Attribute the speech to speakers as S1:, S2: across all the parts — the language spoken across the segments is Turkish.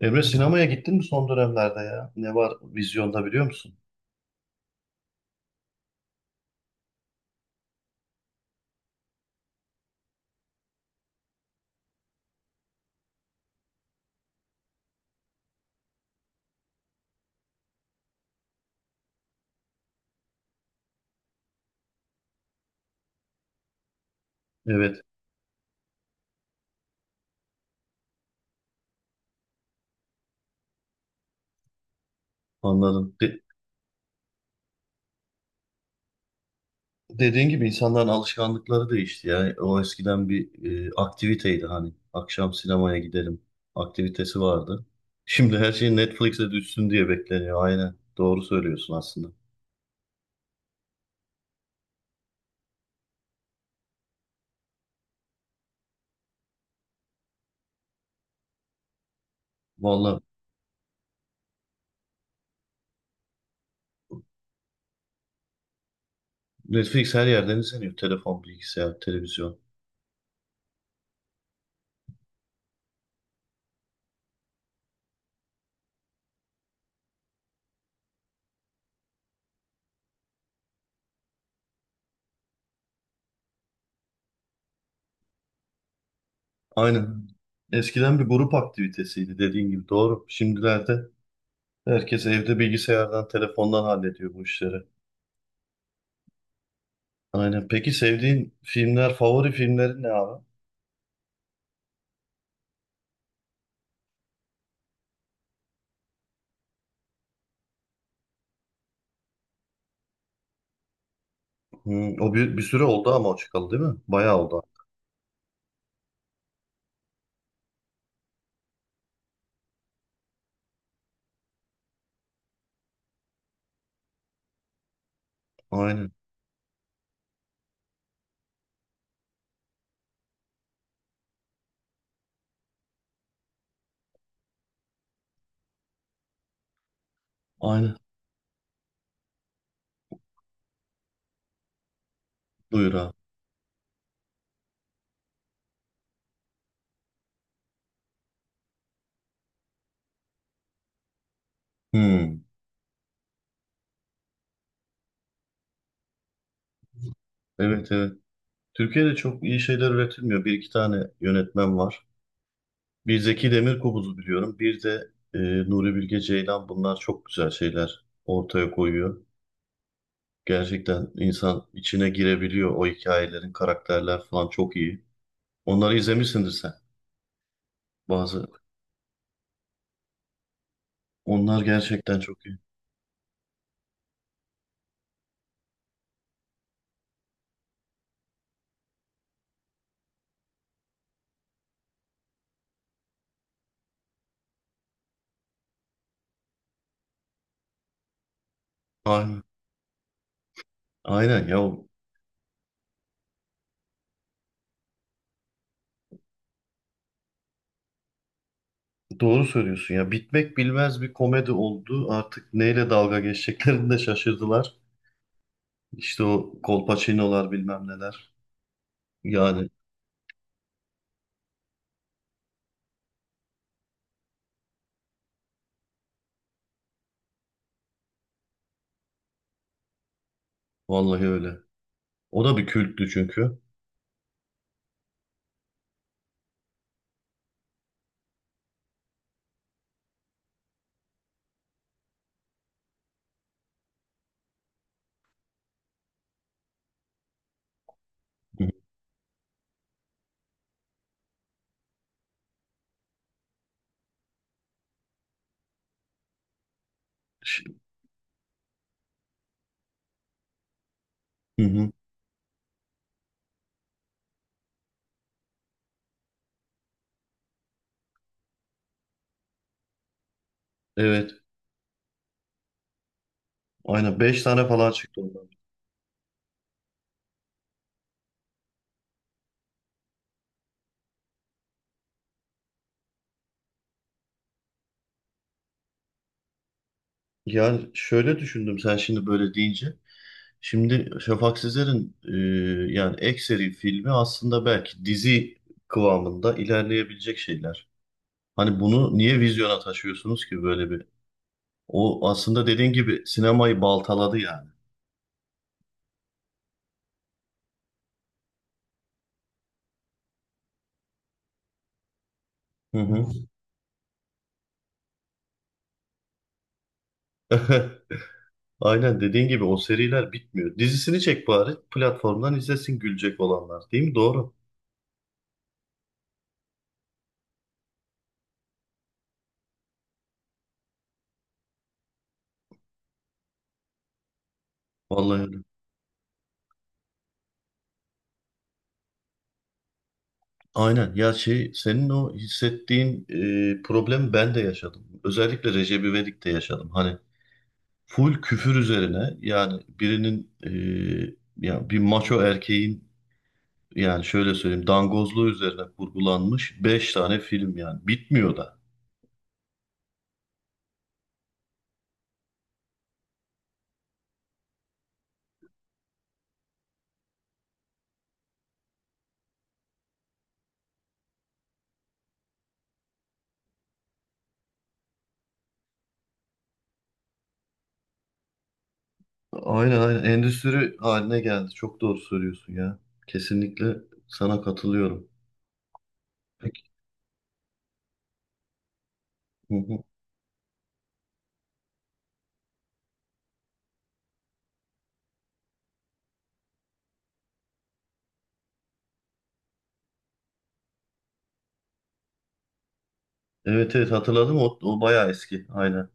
S1: Emre sinemaya gittin mi son dönemlerde ya? Ne var vizyonda biliyor musun? Evet, anladım. Dediğin gibi insanların alışkanlıkları değişti ya. O eskiden bir aktiviteydi hani. Akşam sinemaya gidelim aktivitesi vardı. Şimdi her şey Netflix'e düşsün diye bekleniyor. Aynen. Doğru söylüyorsun aslında. Vallahi Netflix her yerden izleniyor. Telefon, bilgisayar, televizyon. Aynen. Eskiden bir grup aktivitesiydi dediğin gibi. Doğru. Şimdilerde herkes evde bilgisayardan, telefondan hallediyor bu işleri. Aynen. Peki sevdiğin filmler, favori filmlerin ne abi? Hmm. O bir süre oldu ama o çıkalı değil mi? Bayağı oldu. Aynen. Aynen. Buyur abi. Hmm. Evet, evet. Türkiye'de çok iyi şeyler üretilmiyor. Bir iki tane yönetmen var. Bir Zeki Demirkubuz'u biliyorum. Bir de Nuri Bilge Ceylan. Bunlar çok güzel şeyler ortaya koyuyor. Gerçekten insan içine girebiliyor. O hikayelerin, karakterler falan çok iyi. Onları izlemişsindir sen. Bazı. Onlar gerçekten çok iyi. Aynen. Aynen ya. Doğru söylüyorsun ya. Bitmek bilmez bir komedi oldu. Artık neyle dalga geçeceklerini de şaşırdılar. İşte o kolpaçinolar bilmem neler. Yani vallahi öyle. O da bir külttü çünkü. Hı hı. Ş- hı hı. Evet. Aynen 5 tane falan çıktı ondan. Yani şöyle düşündüm sen şimdi böyle deyince. Şimdi Şafak Sezer'in yani ek seri filmi aslında belki dizi kıvamında ilerleyebilecek şeyler. Hani bunu niye vizyona taşıyorsunuz ki böyle bir. O aslında dediğin gibi sinemayı baltaladı yani. Hı hı. Aynen dediğin gibi o seriler bitmiyor. Dizisini çek bari platformdan izlesin gülecek olanlar değil mi? Doğru. Vallahi öyle. Aynen ya, şey senin o hissettiğin problem ben de yaşadım. Özellikle Recep İvedik'te yaşadım. Hani full küfür üzerine yani birinin ya bir maço erkeğin yani şöyle söyleyeyim dangozluğu üzerine kurgulanmış 5 tane film yani bitmiyor da. Aynen, aynen, endüstri haline geldi. Çok doğru söylüyorsun ya. Kesinlikle sana katılıyorum. Peki. Hı hı. Evet, evet, hatırladım o bayağı eski aynen.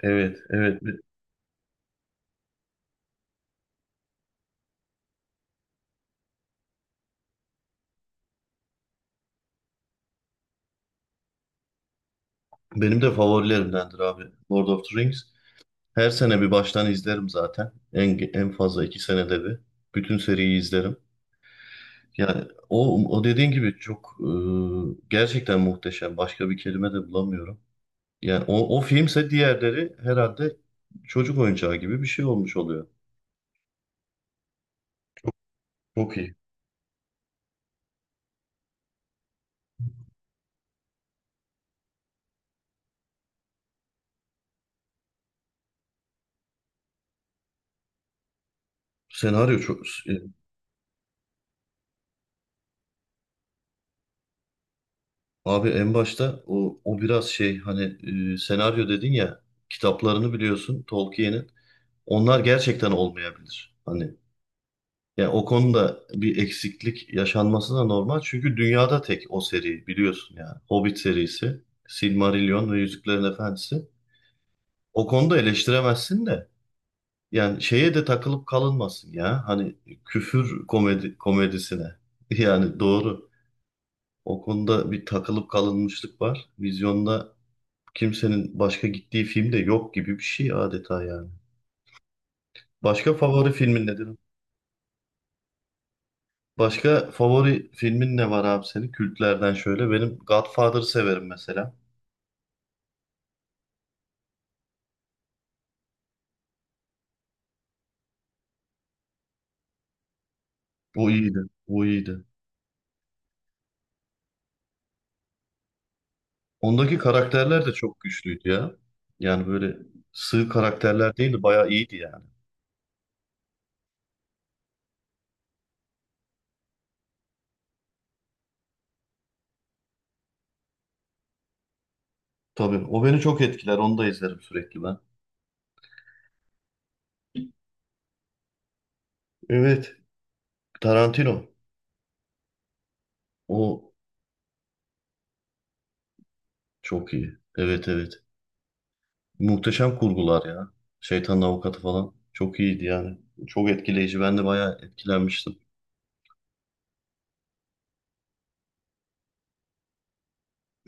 S1: Evet, evet, benim de favorilerimdendir abi. Lord of the Rings. Her sene bir baştan izlerim zaten. En fazla 2 senede bir. Bütün seriyi izlerim. Yani o dediğin gibi çok gerçekten muhteşem. Başka bir kelime de bulamıyorum. Yani o filmse diğerleri herhalde çocuk oyuncağı gibi bir şey olmuş oluyor. Çok iyi. Senaryo çok... e, Abi en başta o biraz şey hani senaryo dedin ya kitaplarını biliyorsun Tolkien'in. Onlar gerçekten olmayabilir. Hani yani o konuda bir eksiklik yaşanması da normal. Çünkü dünyada tek o seri biliyorsun yani. Hobbit serisi, Silmarillion ve Yüzüklerin Efendisi. O konuda eleştiremezsin de yani şeye de takılıp kalınmasın ya. Hani küfür komedi komedisine. Yani doğru. O konuda bir takılıp kalınmışlık var. Vizyonda kimsenin başka gittiği film de yok gibi bir şey adeta yani. Başka favori filmin nedir? Başka favori filmin ne var abi senin? Kültlerden şöyle. Benim Godfather'ı severim mesela. O iyiydi. O iyiydi. Ondaki karakterler de çok güçlüydü ya. Yani böyle sığ karakterler değildi. Bayağı iyiydi yani. Tabii. O beni çok etkiler. Onu da izlerim sürekli ben. Evet. Tarantino. O çok iyi. Evet, evet. Muhteşem kurgular ya. Şeytanın Avukatı falan. Çok iyiydi yani. Çok etkileyici. Ben de bayağı etkilenmiştim.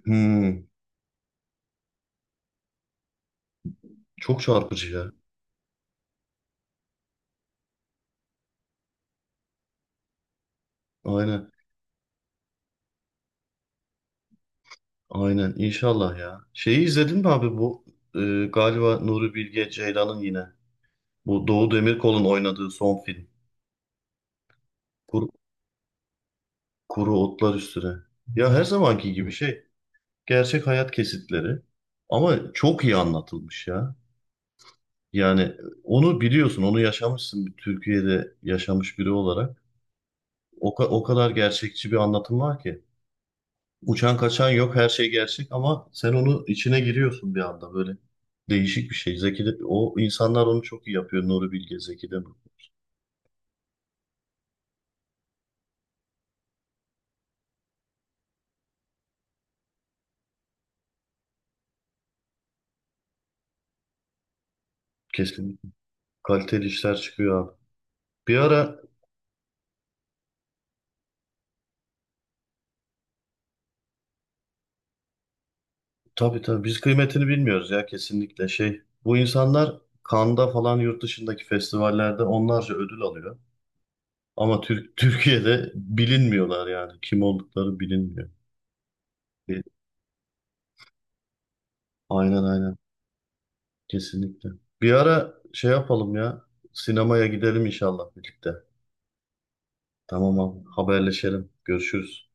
S1: Hmm, çok çarpıcı ya. Aynen. Aynen. İnşallah ya. Şeyi izledin mi abi bu? e, Galiba Nuri Bilge Ceylan'ın yine. Bu Doğu Demirkol'un oynadığı son film. Kur- Kuru Otlar Üstüne. Ya her zamanki gibi şey. Gerçek hayat kesitleri. Ama çok iyi anlatılmış ya. Yani onu biliyorsun, onu yaşamışsın bir Türkiye'de yaşamış biri olarak. O, o kadar gerçekçi bir anlatım var ki. Uçan kaçan yok, her şey gerçek ama sen onu içine giriyorsun bir anda böyle. Değişik bir şey. Zeki de, o insanlar onu çok iyi yapıyor. Nuri Bilge, Zeki de. Kesinlikle kaliteli işler çıkıyor abi. Bir ara tabii, tabii biz kıymetini bilmiyoruz ya kesinlikle şey. Bu insanlar Cannes'da falan yurt dışındaki festivallerde onlarca ödül alıyor. Ama Türk, Türkiye'de bilinmiyorlar yani. Kim oldukları bilinmiyor. E, Aynen, aynen. Kesinlikle. Bir ara şey yapalım ya. Sinemaya gidelim inşallah birlikte. Tamam abi. Haberleşelim. Görüşürüz.